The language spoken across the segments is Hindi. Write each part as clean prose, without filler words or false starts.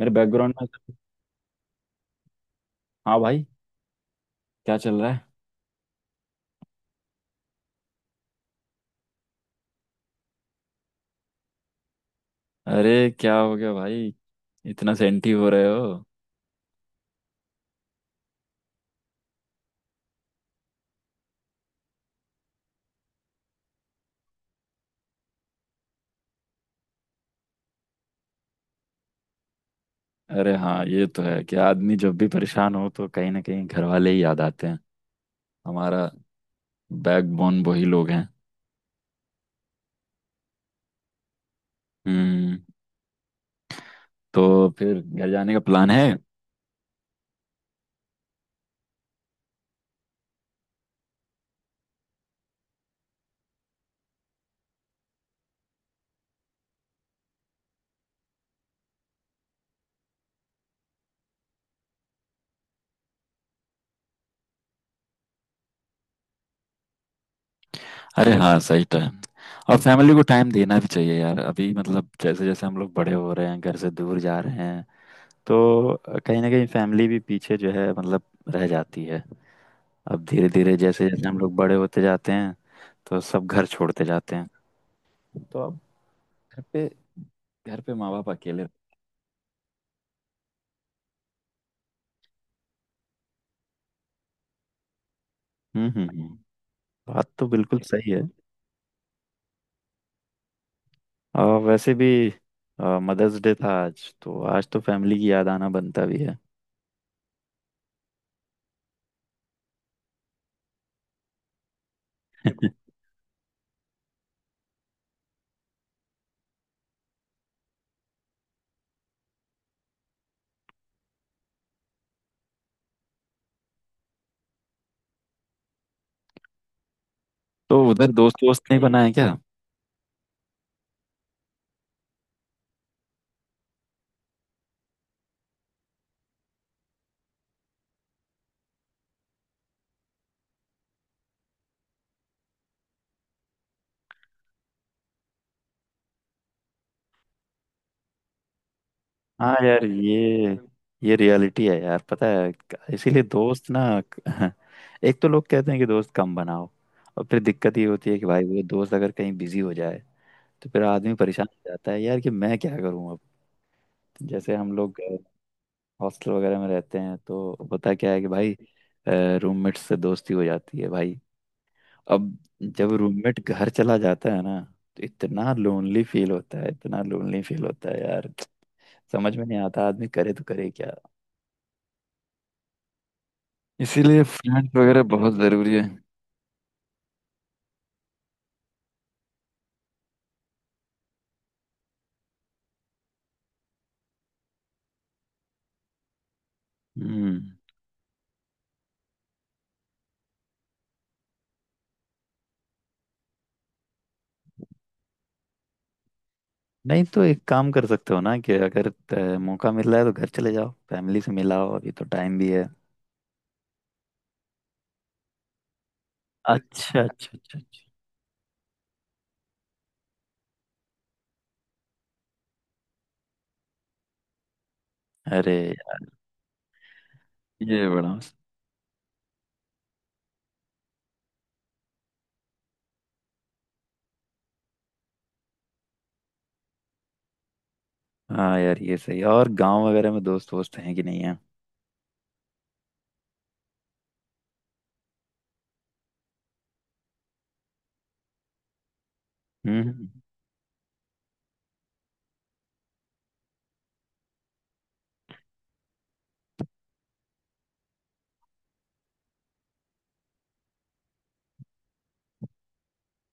मेरे बैकग्राउंड में। हाँ भाई, क्या चल रहा है। अरे, क्या हो गया भाई! इतना सेंटी हो रहे हो। अरे हाँ, ये तो है कि आदमी जब भी परेशान हो तो कहीं ना कहीं घर वाले ही याद आते हैं। हमारा बैकबोन वही लोग हैं। हम्म तो फिर घर जाने का प्लान है। अरे हाँ, सही टाइम। और फैमिली को टाइम देना भी चाहिए यार, अभी मतलब जैसे जैसे हम लोग बड़े हो रहे हैं, घर से दूर जा रहे हैं, तो कहीं ना कहीं फैमिली भी पीछे जो है मतलब रह जाती है। अब धीरे धीरे जैसे जैसे हम लोग बड़े होते जाते हैं, तो सब घर छोड़ते जाते हैं। तो अब घर पे घर पे माँ बाप अकेले रहते। हम्म, हम्म, बात तो बिल्कुल सही है। वैसे भी मदर्स डे था आज, तो आज तो फैमिली की याद आना बनता भी है। तो उधर दोस्त दोस्त नहीं बनाए क्या। हाँ यार, ये रियलिटी है यार, पता है। इसीलिए दोस्त ना। एक तो लोग कहते हैं कि दोस्त कम बनाओ, और फिर दिक्कत ये होती है कि भाई वो दोस्त अगर कहीं बिजी हो जाए, तो फिर आदमी परेशान हो जाता है यार, कि मैं क्या करूं अब। जैसे हम लोग हॉस्टल वगैरह में रहते हैं, तो होता क्या है कि भाई रूममेट से दोस्ती हो जाती है भाई। अब जब रूममेट घर चला जाता है ना, तो इतना लोनली फील होता है, इतना लोनली फील होता है यार। समझ में नहीं आता आदमी करे तो करे क्या। इसीलिए फ्रेंड्स वगैरह बहुत ज़रूरी है। हम्म। नहीं तो एक काम कर सकते हो ना, कि अगर मौका मिल रहा है तो घर चले जाओ, फैमिली से मिलाओ, अभी तो टाइम भी है। अच्छा, अच्छा, अच्छा, अच्छा। अरे ये बड़ा मस्त। हाँ यार, ये सही है। और गांव वगैरह में दोस्त वोस्त हैं कि नहीं है। हम्म,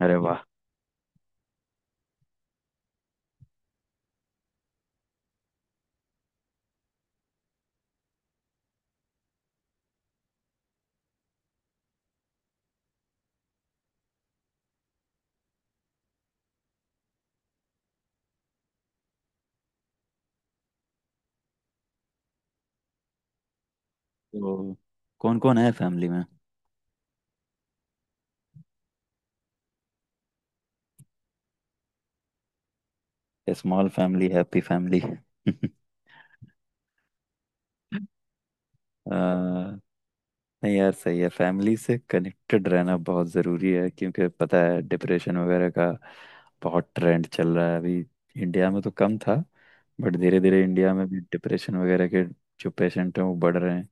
अरे वाह! तो कौन कौन है फैमिली में। Small family, happy family. आ, नहीं यार, सही है। फैमिली से कनेक्टेड रहना बहुत ज़रूरी है, क्योंकि पता है डिप्रेशन वगैरह का बहुत ट्रेंड चल रहा है अभी। इंडिया में तो कम था, बट धीरे धीरे इंडिया में भी डिप्रेशन वगैरह के जो पेशेंट हैं वो बढ़ रहे हैं।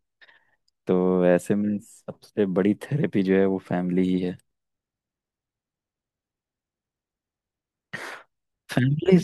तो ऐसे में सबसे बड़ी थेरेपी जो है वो फैमिली ही है। फैमिली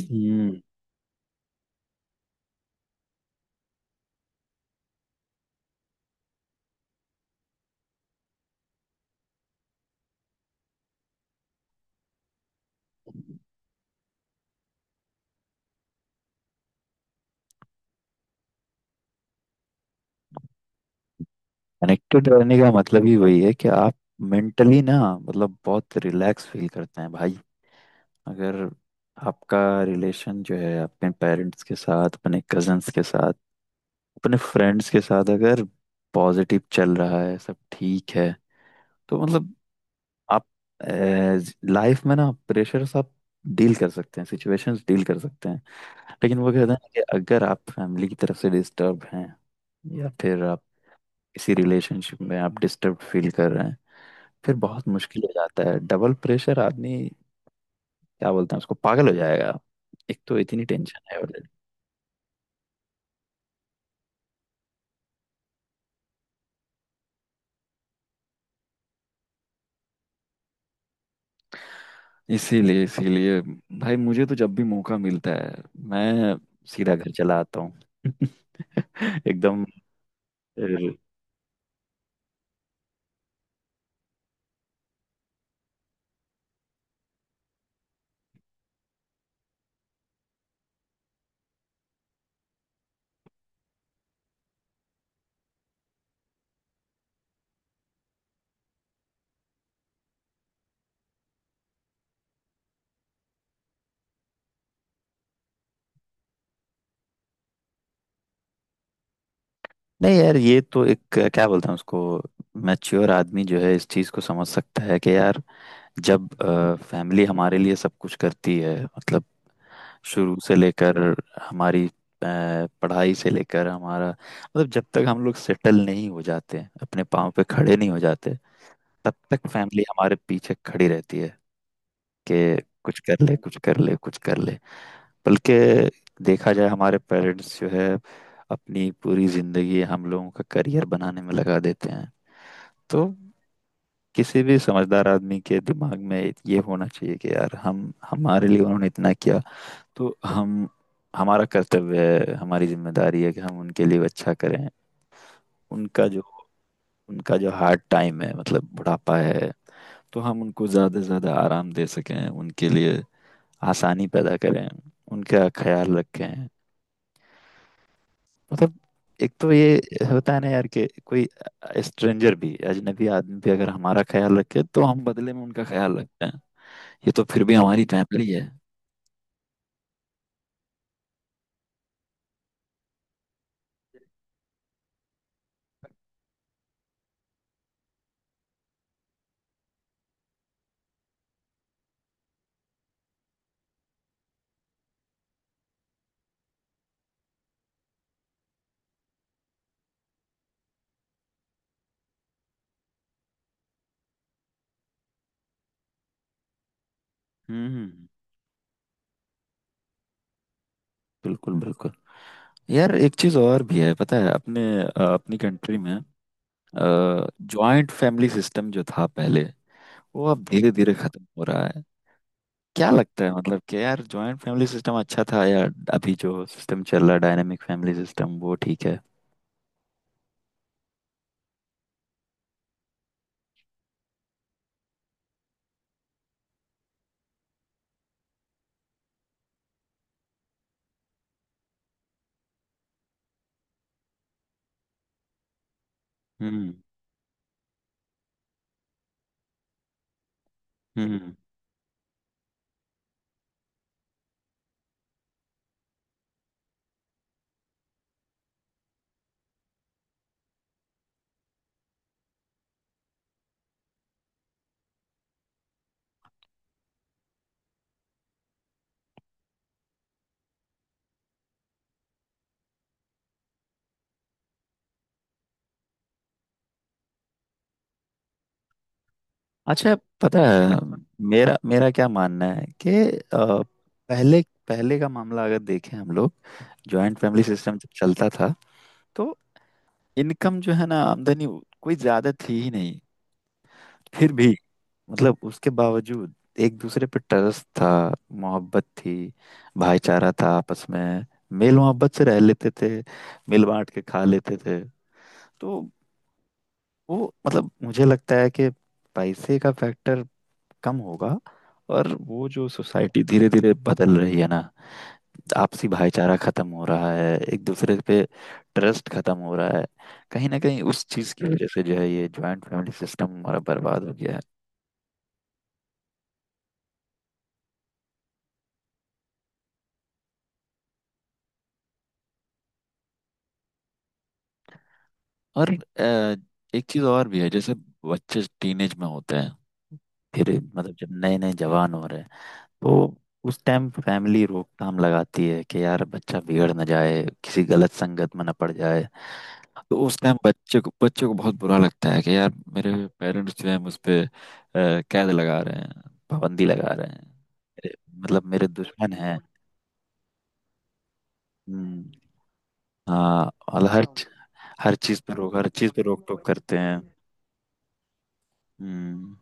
कनेक्टेड रहने का मतलब ही वही है कि आप मेंटली ना, मतलब बहुत रिलैक्स फील करते हैं भाई। अगर आपका रिलेशन जो है अपने पेरेंट्स के साथ, अपने कजन्स के साथ, अपने फ्रेंड्स के साथ अगर पॉजिटिव चल रहा है, सब ठीक है, तो मतलब आप लाइफ में ना प्रेशर आप डील कर सकते हैं, सिचुएशंस डील कर सकते हैं। लेकिन वो कहते हैं ना कि अगर आप फैमिली की तरफ से डिस्टर्ब हैं, या फिर आप इसी रिलेशनशिप में आप डिस्टर्ब फील कर रहे हैं, फिर बहुत मुश्किल हो जाता है। डबल प्रेशर आदमी, क्या बोलते हैं उसको, पागल हो जाएगा। एक तो इतनी टेंशन है already। इसीलिए इसीलिए भाई मुझे तो जब भी मौका मिलता है, मैं सीधा घर चला आता हूँ। एकदम। अ, नहीं यार, ये तो एक क्या बोलते हैं उसको, मैच्योर आदमी जो है इस चीज को समझ सकता है, कि यार जब फैमिली हमारे लिए सब कुछ करती है, मतलब शुरू से लेकर हमारी अ, पढ़ाई से लेकर, हमारा मतलब जब तक हम लोग सेटल नहीं हो जाते, अपने पाँव पे खड़े नहीं हो जाते, तब तक फैमिली हमारे पीछे खड़ी रहती है कि कुछ कर ले, कुछ कर ले, कुछ कर ले। बल्कि देखा जाए हमारे पेरेंट्स जो है अपनी पूरी जिंदगी हम लोगों का करियर बनाने में लगा देते हैं। तो किसी भी समझदार आदमी के दिमाग में ये होना चाहिए कि यार, हम हमारे लिए उन्होंने इतना किया, तो हम हमारा कर्तव्य है, हमारी जिम्मेदारी है कि हम उनके लिए अच्छा करें। उनका जो उनका जो हार्ड टाइम है, मतलब बुढ़ापा है, तो हम उनको ज़्यादा से ज़्यादा आराम दे सकें, उनके लिए आसानी पैदा करें, उनका ख्याल रखें। मतलब एक तो ये होता है ना यार, कि कोई स्ट्रेंजर भी, अजनबी आदमी भी अगर हमारा ख्याल रखे तो हम बदले में उनका ख्याल रखते हैं। ये तो फिर भी हमारी फैमिली है। हम्म, बिल्कुल, बिल्कुल। यार, एक चीज और भी है पता है, अपनी कंट्री में जॉइंट फैमिली सिस्टम जो था पहले, वो अब धीरे धीरे खत्म हो रहा है। क्या लगता है, मतलब कि यार जॉइंट फैमिली सिस्टम अच्छा था, या अभी जो सिस्टम चल रहा है, डायनेमिक फैमिली सिस्टम, वो ठीक है। हम्म, हम्म, अच्छा। पता है, मेरा मेरा क्या मानना है कि अ, पहले पहले का मामला अगर देखें हम लोग, जॉइंट फैमिली सिस्टम जब चलता था, तो इनकम जो है ना, आमदनी, कोई ज्यादा थी ही नहीं। फिर भी मतलब, उसके बावजूद एक दूसरे पे ट्रस्ट था, मोहब्बत थी, भाईचारा था आपस में, मेल मोहब्बत से रह लेते थे, मिल बांट के खा लेते थे। तो वो मतलब मुझे लगता है कि पैसे का फैक्टर कम होगा। और वो जो सोसाइटी धीरे धीरे बदल रही है ना, आपसी भाईचारा खत्म हो रहा है, एक दूसरे पे ट्रस्ट खत्म हो रहा है, कहीं ना कहीं उस चीज की वजह से जो है ये ज्वाइंट फैमिली सिस्टम हमारा बर्बाद हो गया है। और अ, एक चीज और भी है, जैसे बच्चे टीनेज में होते हैं, फिर मतलब जब नए नए जवान हो रहे हैं, तो उस टाइम फैमिली रोकथाम लगाती है कि यार बच्चा बिगड़ ना जाए, किसी गलत संगत में ना पड़ जाए। तो उस टाइम बच्चे को बहुत बुरा लगता है कि यार, मेरे पेरेंट्स जो है मुझ पे कैद लगा रहे हैं, पाबंदी लगा रहे हैं, मतलब मेरे दुश्मन हैं। हम्म, हाँ। और हर हर चीज पे रोक हर चीज पे रोक टोक करते हैं। हम्म।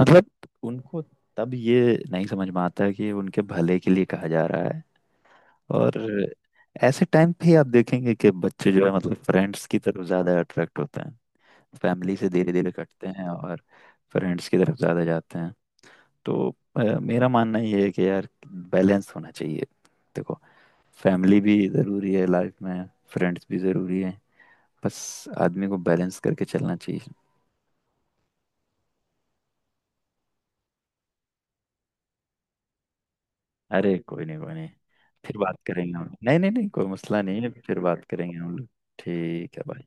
मतलब उनको तब ये नहीं समझ में आता कि उनके भले के लिए कहा जा रहा है। और ऐसे टाइम पे ही आप देखेंगे कि बच्चे जो है मतलब फ्रेंड्स की तरफ ज्यादा अट्रैक्ट होते हैं, फैमिली से धीरे धीरे कटते हैं और फ्रेंड्स की तरफ ज्यादा जाते हैं। तो मेरा मानना ये है कि यार बैलेंस होना चाहिए। देखो, फैमिली भी जरूरी है लाइफ में, फ्रेंड्स भी जरूरी है। बस आदमी को बैलेंस करके चलना चाहिए। अरे कोई नहीं, कोई नहीं, फिर बात करेंगे हम। नहीं नहीं नहीं, कोई मसला नहीं है, फिर बात करेंगे हम लोग। ठीक है भाई।